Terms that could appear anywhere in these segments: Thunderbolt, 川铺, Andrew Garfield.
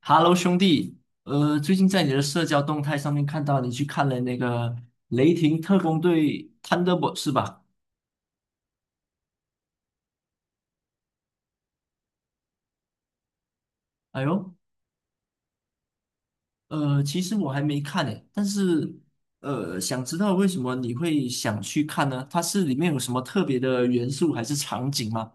Hello，兄弟，最近在你的社交动态上面看到你去看了那个《雷霆特工队 Thunderbolt》是吧？哎呦，其实我还没看诶，但是想知道为什么你会想去看呢？它是里面有什么特别的元素还是场景吗？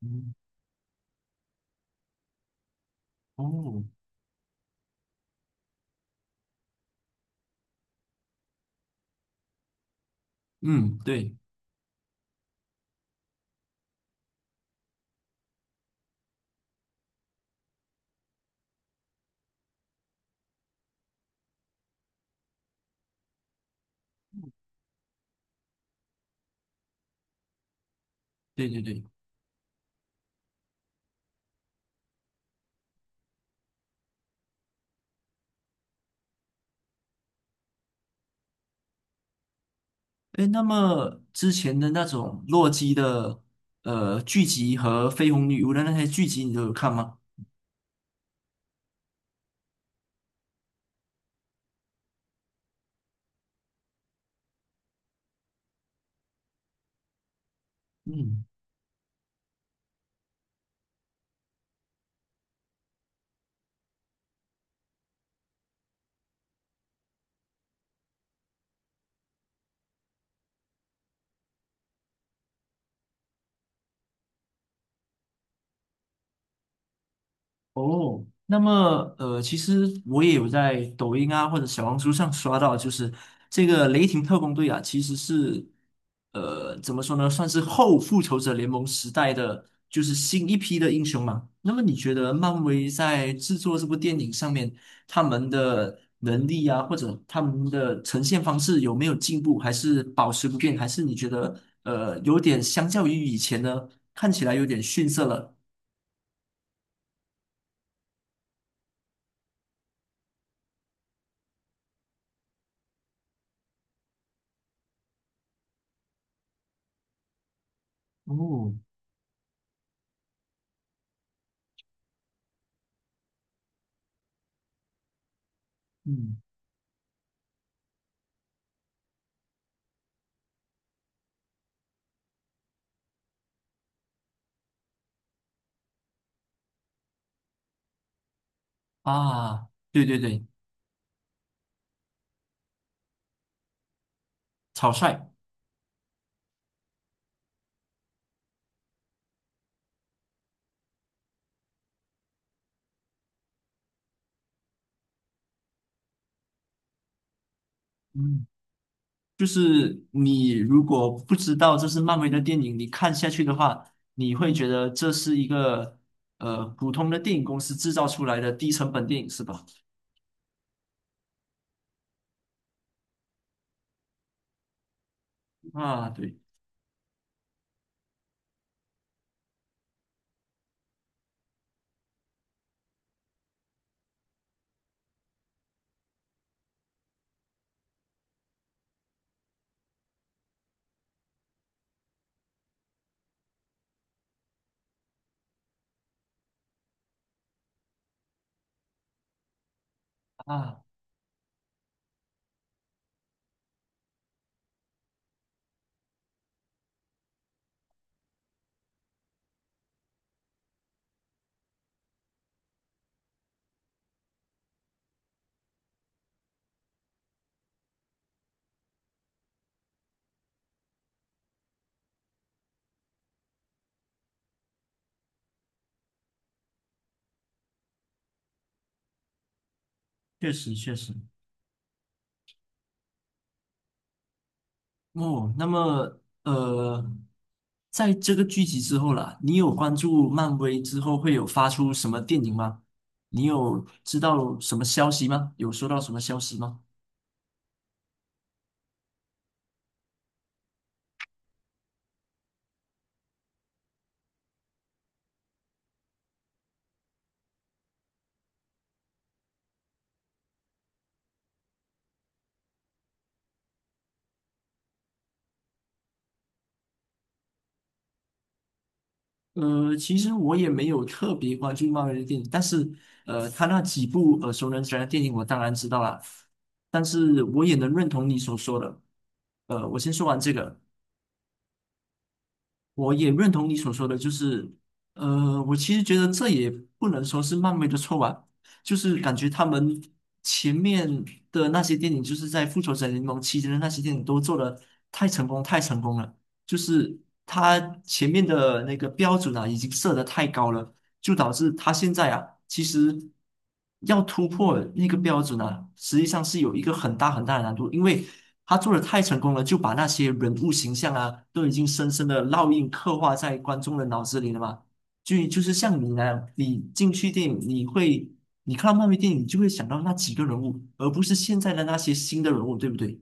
嗯。哦。嗯，对。对对对。哎，那么之前的那种洛基的剧集和绯红女巫的那些剧集，你都有看吗？嗯。哦，那么其实我也有在抖音啊或者小红书上刷到，就是这个雷霆特工队啊，其实是怎么说呢，算是后复仇者联盟时代的就是新一批的英雄嘛。那么你觉得漫威在制作这部电影上面，他们的能力啊，或者他们的呈现方式有没有进步，还是保持不变，还是你觉得有点相较于以前呢，看起来有点逊色了？哦。嗯。啊，对对对。草率。嗯，就是你如果不知道这是漫威的电影，你看下去的话，你会觉得这是一个普通的电影公司制造出来的低成本电影，是吧？啊，对啊。确实确实。哦，那么在这个剧集之后啦，你有关注漫威之后会有发出什么电影吗？你有知道什么消息吗？有收到什么消息吗？其实我也没有特别关注漫威的电影，但是他那几部熟能详的电影我当然知道啦，但是我也能认同你所说的。我先说完这个，我也认同你所说的，就是我其实觉得这也不能说是漫威的错吧，就是感觉他们前面的那些电影，就是在复仇者联盟期间的那些电影都做的太成功，太成功了。就是它前面的那个标准啊，已经设得太高了，就导致他现在啊，其实要突破那个标准啊，实际上是有一个很大很大的难度，因为他做的太成功了，就把那些人物形象啊，都已经深深的烙印刻画在观众的脑子里了嘛。就是像你那样，你进去电影，你看到漫威电影，你就会想到那几个人物，而不是现在的那些新的人物，对不对？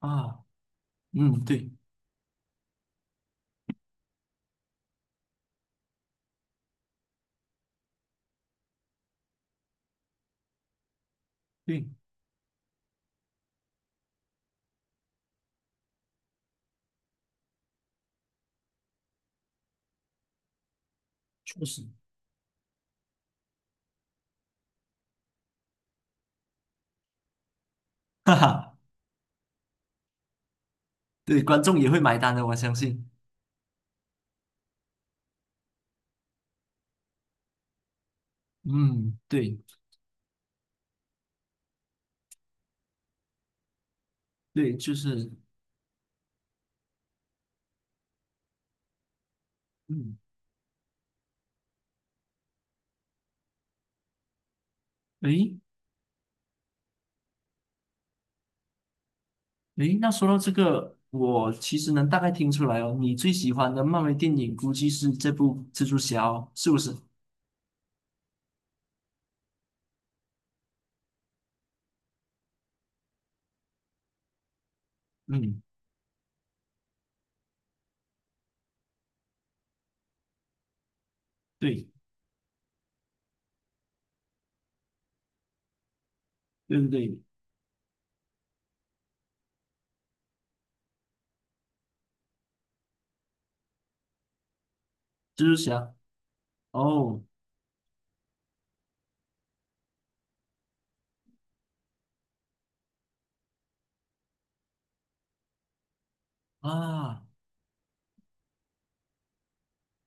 啊。嗯，对对。确实。哈哈，对，观众也会买单的，我相信。嗯，对对，就是。嗯。诶，诶，那说到这个，我其实能大概听出来哦，你最喜欢的漫威电影估计是这部蜘蛛侠哦，是不是？嗯，对对对对，蜘蛛侠。哦，啊，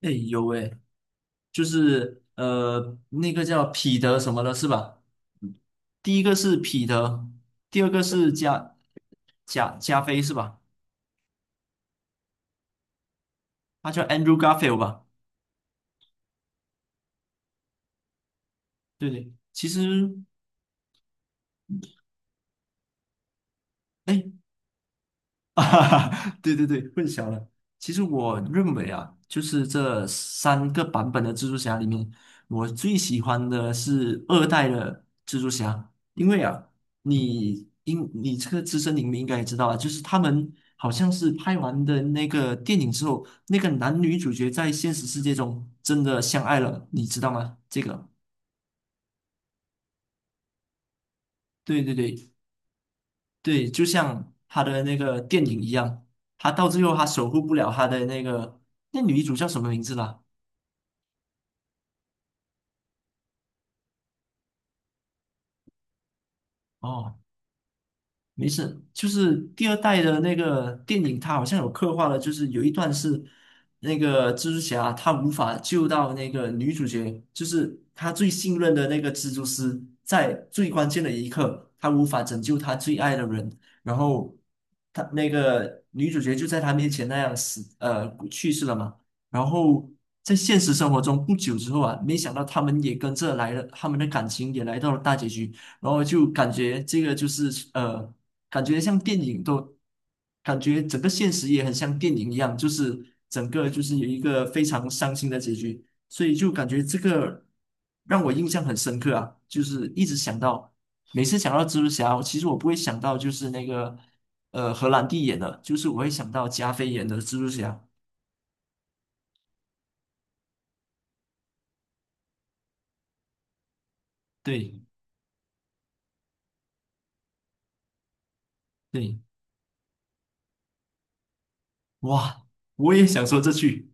哎，有哎，就是那个叫彼得什么的，是吧？第一个是彼得，第二个是加加菲是吧？他叫 Andrew Garfield 吧？对对，其实。哎。啊，哈，对对对，混淆了。其实我认为啊，就是这三个版本的蜘蛛侠里面，我最喜欢的是二代的蜘蛛侠，因为啊，你这个资深影迷应该也知道啊，就是他们好像是拍完的那个电影之后，那个男女主角在现实世界中真的相爱了，你知道吗？这个。对对对，对，就像他的那个电影一样，他到最后他守护不了他的那个，那女主叫什么名字啦？哦。没事，就是第二代的那个电影，它好像有刻画了，就是有一段是那个蜘蛛侠他无法救到那个女主角，就是他最信任的那个蜘蛛丝，在最关键的一刻，他无法拯救他最爱的人，然后他那个女主角就在他面前那样死，去世了嘛。然后在现实生活中不久之后啊，没想到他们也跟着来了，他们的感情也来到了大结局。然后就感觉这个就是感觉像电影都，感觉整个现实也很像电影一样，就是整个就是有一个非常伤心的结局，所以就感觉这个让我印象很深刻啊，就是一直想到，每次想到蜘蛛侠，其实我不会想到就是那个荷兰弟演的，就是我会想到加菲演的蜘蛛侠，对对，哇，我也想说这句。